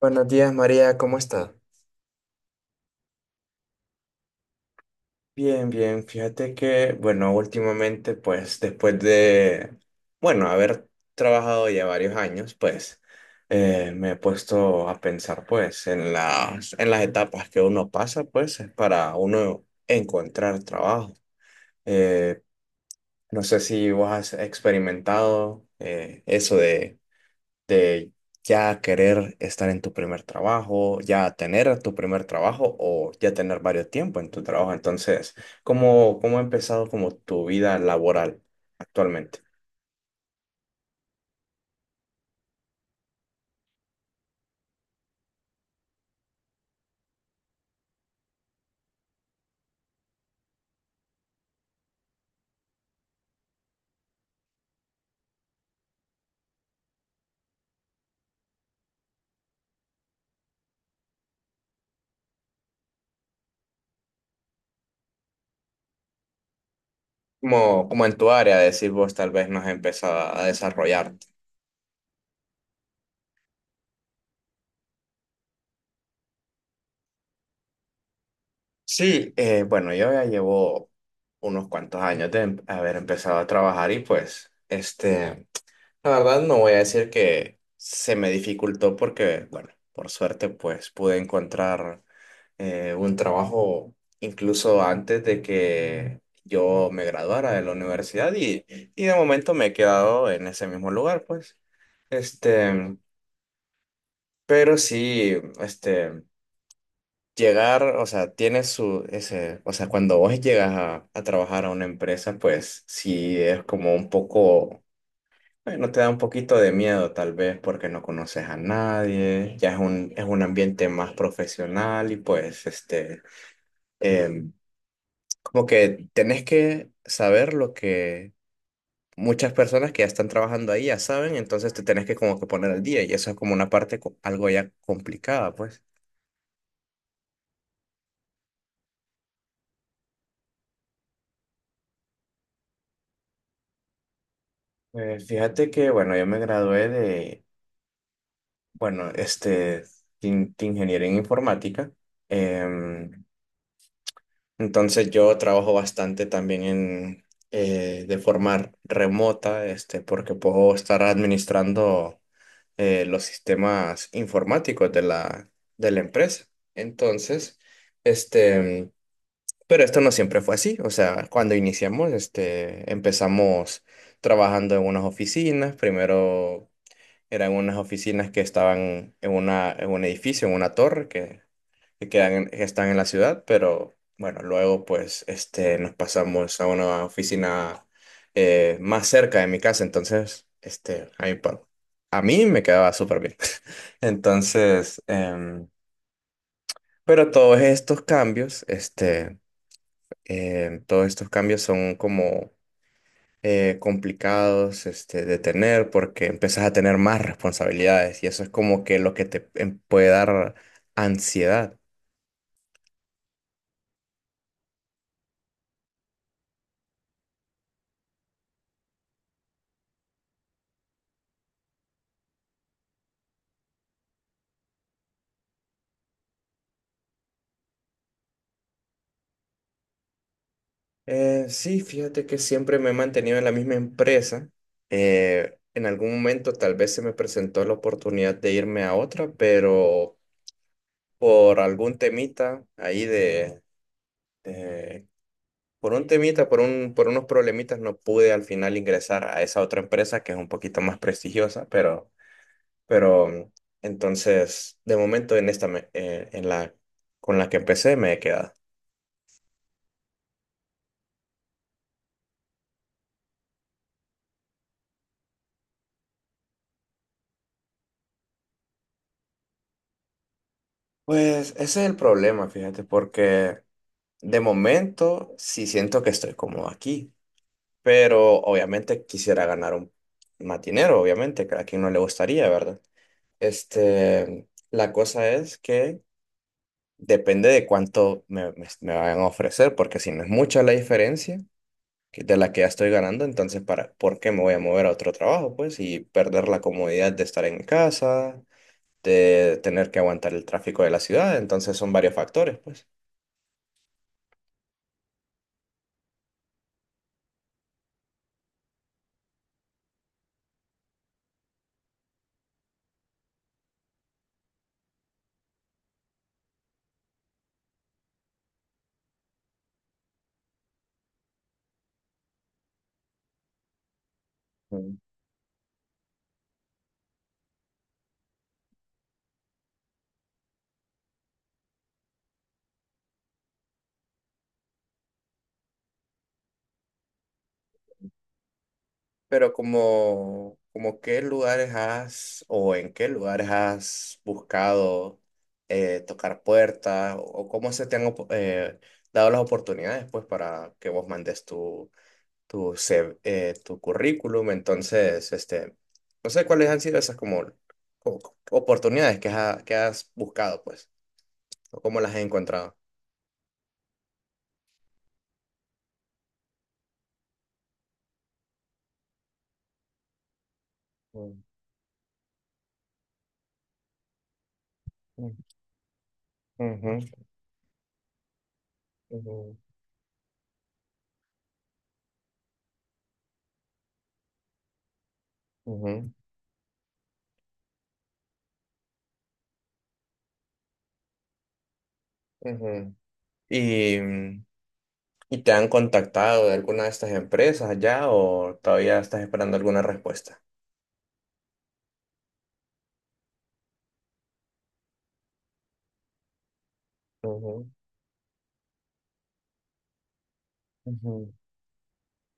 Buenos días, María, ¿cómo estás? Bien, bien, fíjate que, bueno, últimamente, pues después de, bueno, haber trabajado ya varios años, pues me he puesto a pensar, pues, en las etapas que uno pasa, pues, para uno encontrar trabajo. Eh, no sé si vos has experimentado eso de ya querer estar en tu primer trabajo, ya tener tu primer trabajo o ya tener varios tiempo en tu trabajo. Entonces, ¿cómo ha empezado como tu vida laboral actualmente? Como en tu área, decir vos tal vez no has empezado a desarrollarte. Sí, bueno, yo ya llevo unos cuantos años de haber empezado a trabajar y pues, la verdad no voy a decir que se me dificultó porque, bueno, por suerte pues pude encontrar un trabajo incluso antes de que yo me graduara de la universidad y de momento me he quedado en ese mismo lugar pues. Este, pero sí, llegar, o sea, tiene su, ese, o sea, cuando vos llegas a trabajar a una empresa pues sí es como un poco. Bueno, te da un poquito de miedo tal vez porque no conoces a nadie, ya es es un ambiente más profesional y pues em, como que tenés que saber lo que muchas personas que ya están trabajando ahí ya saben, entonces te tenés que como que poner al día y eso es como una parte algo ya complicada, pues. Fíjate que, bueno, yo me gradué de, bueno, de de ingeniería en informática. Entonces yo trabajo bastante también en, de forma remota, porque puedo estar administrando los sistemas informáticos de de la empresa. Entonces, este, pero esto no siempre fue así. O sea, cuando iniciamos, empezamos trabajando en unas oficinas. Primero eran unas oficinas que estaban en en un edificio, en una torre, que quedan que están en la ciudad, pero bueno, luego pues nos pasamos a una oficina, más cerca de mi casa, entonces a mí, a mí me quedaba súper bien. Entonces, pero todos estos cambios, todos estos cambios son como complicados, de tener porque empiezas a tener más responsabilidades y eso es como que lo que te puede dar ansiedad. Sí, fíjate que siempre me he mantenido en la misma empresa. En algún momento tal vez se me presentó la oportunidad de irme a otra, pero por algún temita ahí de, por un temita, por por unos problemitas no pude al final ingresar a esa otra empresa que es un poquito más prestigiosa, pero entonces de momento en esta, con la que empecé me he quedado. Pues ese es el problema, fíjate, porque de momento, sí siento que estoy cómodo aquí, pero obviamente quisiera más dinero, obviamente, que a quien no le gustaría, ¿verdad? La cosa es que depende de cuánto me vayan a ofrecer, porque si no es mucha la diferencia de la que ya estoy ganando, entonces, ¿por qué me voy a mover a otro trabajo, pues? Y perder la comodidad de estar en mi casa, de tener que aguantar el tráfico de la ciudad, entonces son varios factores, pues. Pero como qué lugares has o en qué lugares has buscado, tocar puertas o cómo se te han dado las oportunidades pues para que vos mandes CV, tu currículum. Entonces, no sé cuáles han sido esas como, como oportunidades que has buscado pues o cómo las has encontrado. Mm, mm, ujú, ujú, ujú, ujú. Y ¿Y ¿te han contactado de alguna de estas empresas ya o todavía estás esperando alguna respuesta? Ujú, ujú,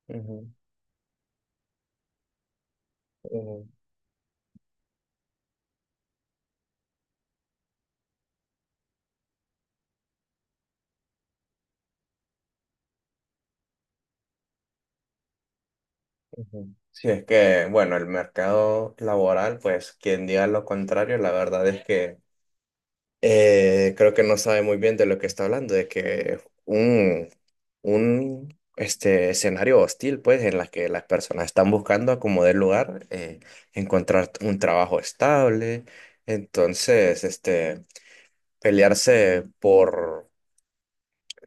ujú, ujú, ujú. Sí, es que, bueno, el mercado laboral, pues quien diga lo contrario, la verdad es que, creo que no sabe muy bien de lo que está hablando, de que un, un escenario hostil, pues, en la que las personas están buscando acomodar lugar, encontrar un trabajo estable. Entonces, pelearse por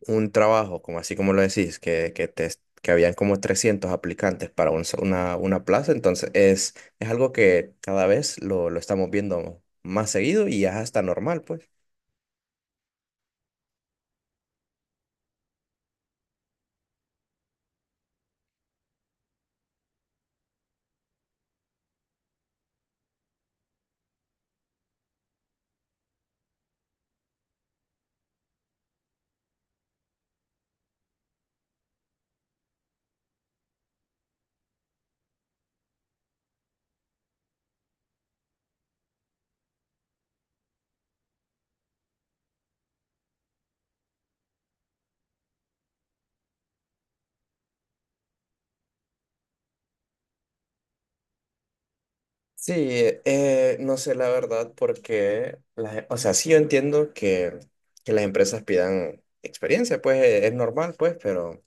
un trabajo, como así como lo decís, que habían como 300 aplicantes para una plaza, entonces es algo que cada vez lo estamos viendo más seguido y ya está normal, pues. Sí, no sé la verdad porque, o sea, sí yo entiendo que las empresas pidan experiencia, pues es normal, pues, pero,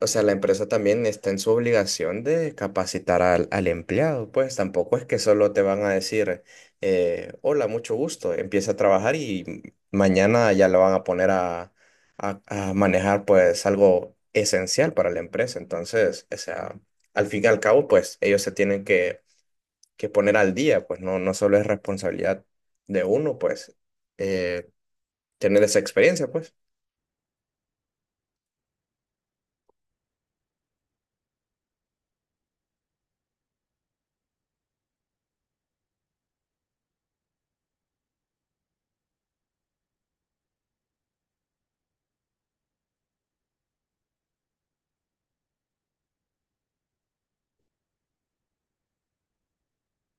o sea, la empresa también está en su obligación de capacitar al empleado, pues tampoco es que solo te van a decir, hola, mucho gusto, empieza a trabajar y mañana ya lo van a poner a manejar, pues, algo esencial para la empresa. Entonces, o sea, al fin y al cabo, pues, ellos se tienen que poner al día, pues no, no solo es responsabilidad de uno, pues, eh, tener esa experiencia, pues.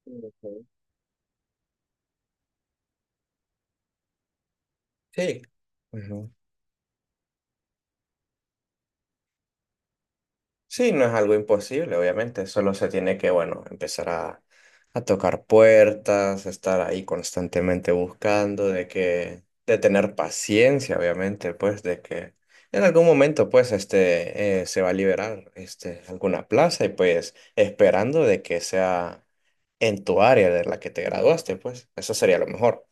Ok. Sí. Ujú. Sí, no es algo imposible, obviamente. Solo se tiene que, bueno, empezar a tocar puertas, estar ahí constantemente buscando, de que, de tener paciencia, obviamente, pues, de que en algún momento, pues, se va a liberar, alguna plaza y, pues, esperando de que sea en tu área de la que te graduaste, pues, eso sería lo mejor.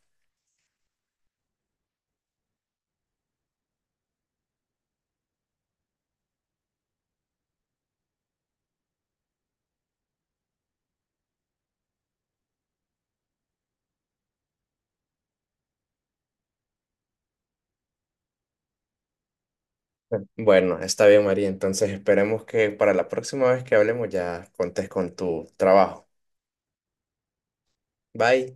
Bueno, está bien, María. Entonces esperemos que para la próxima vez que hablemos ya contes con tu trabajo. Bye.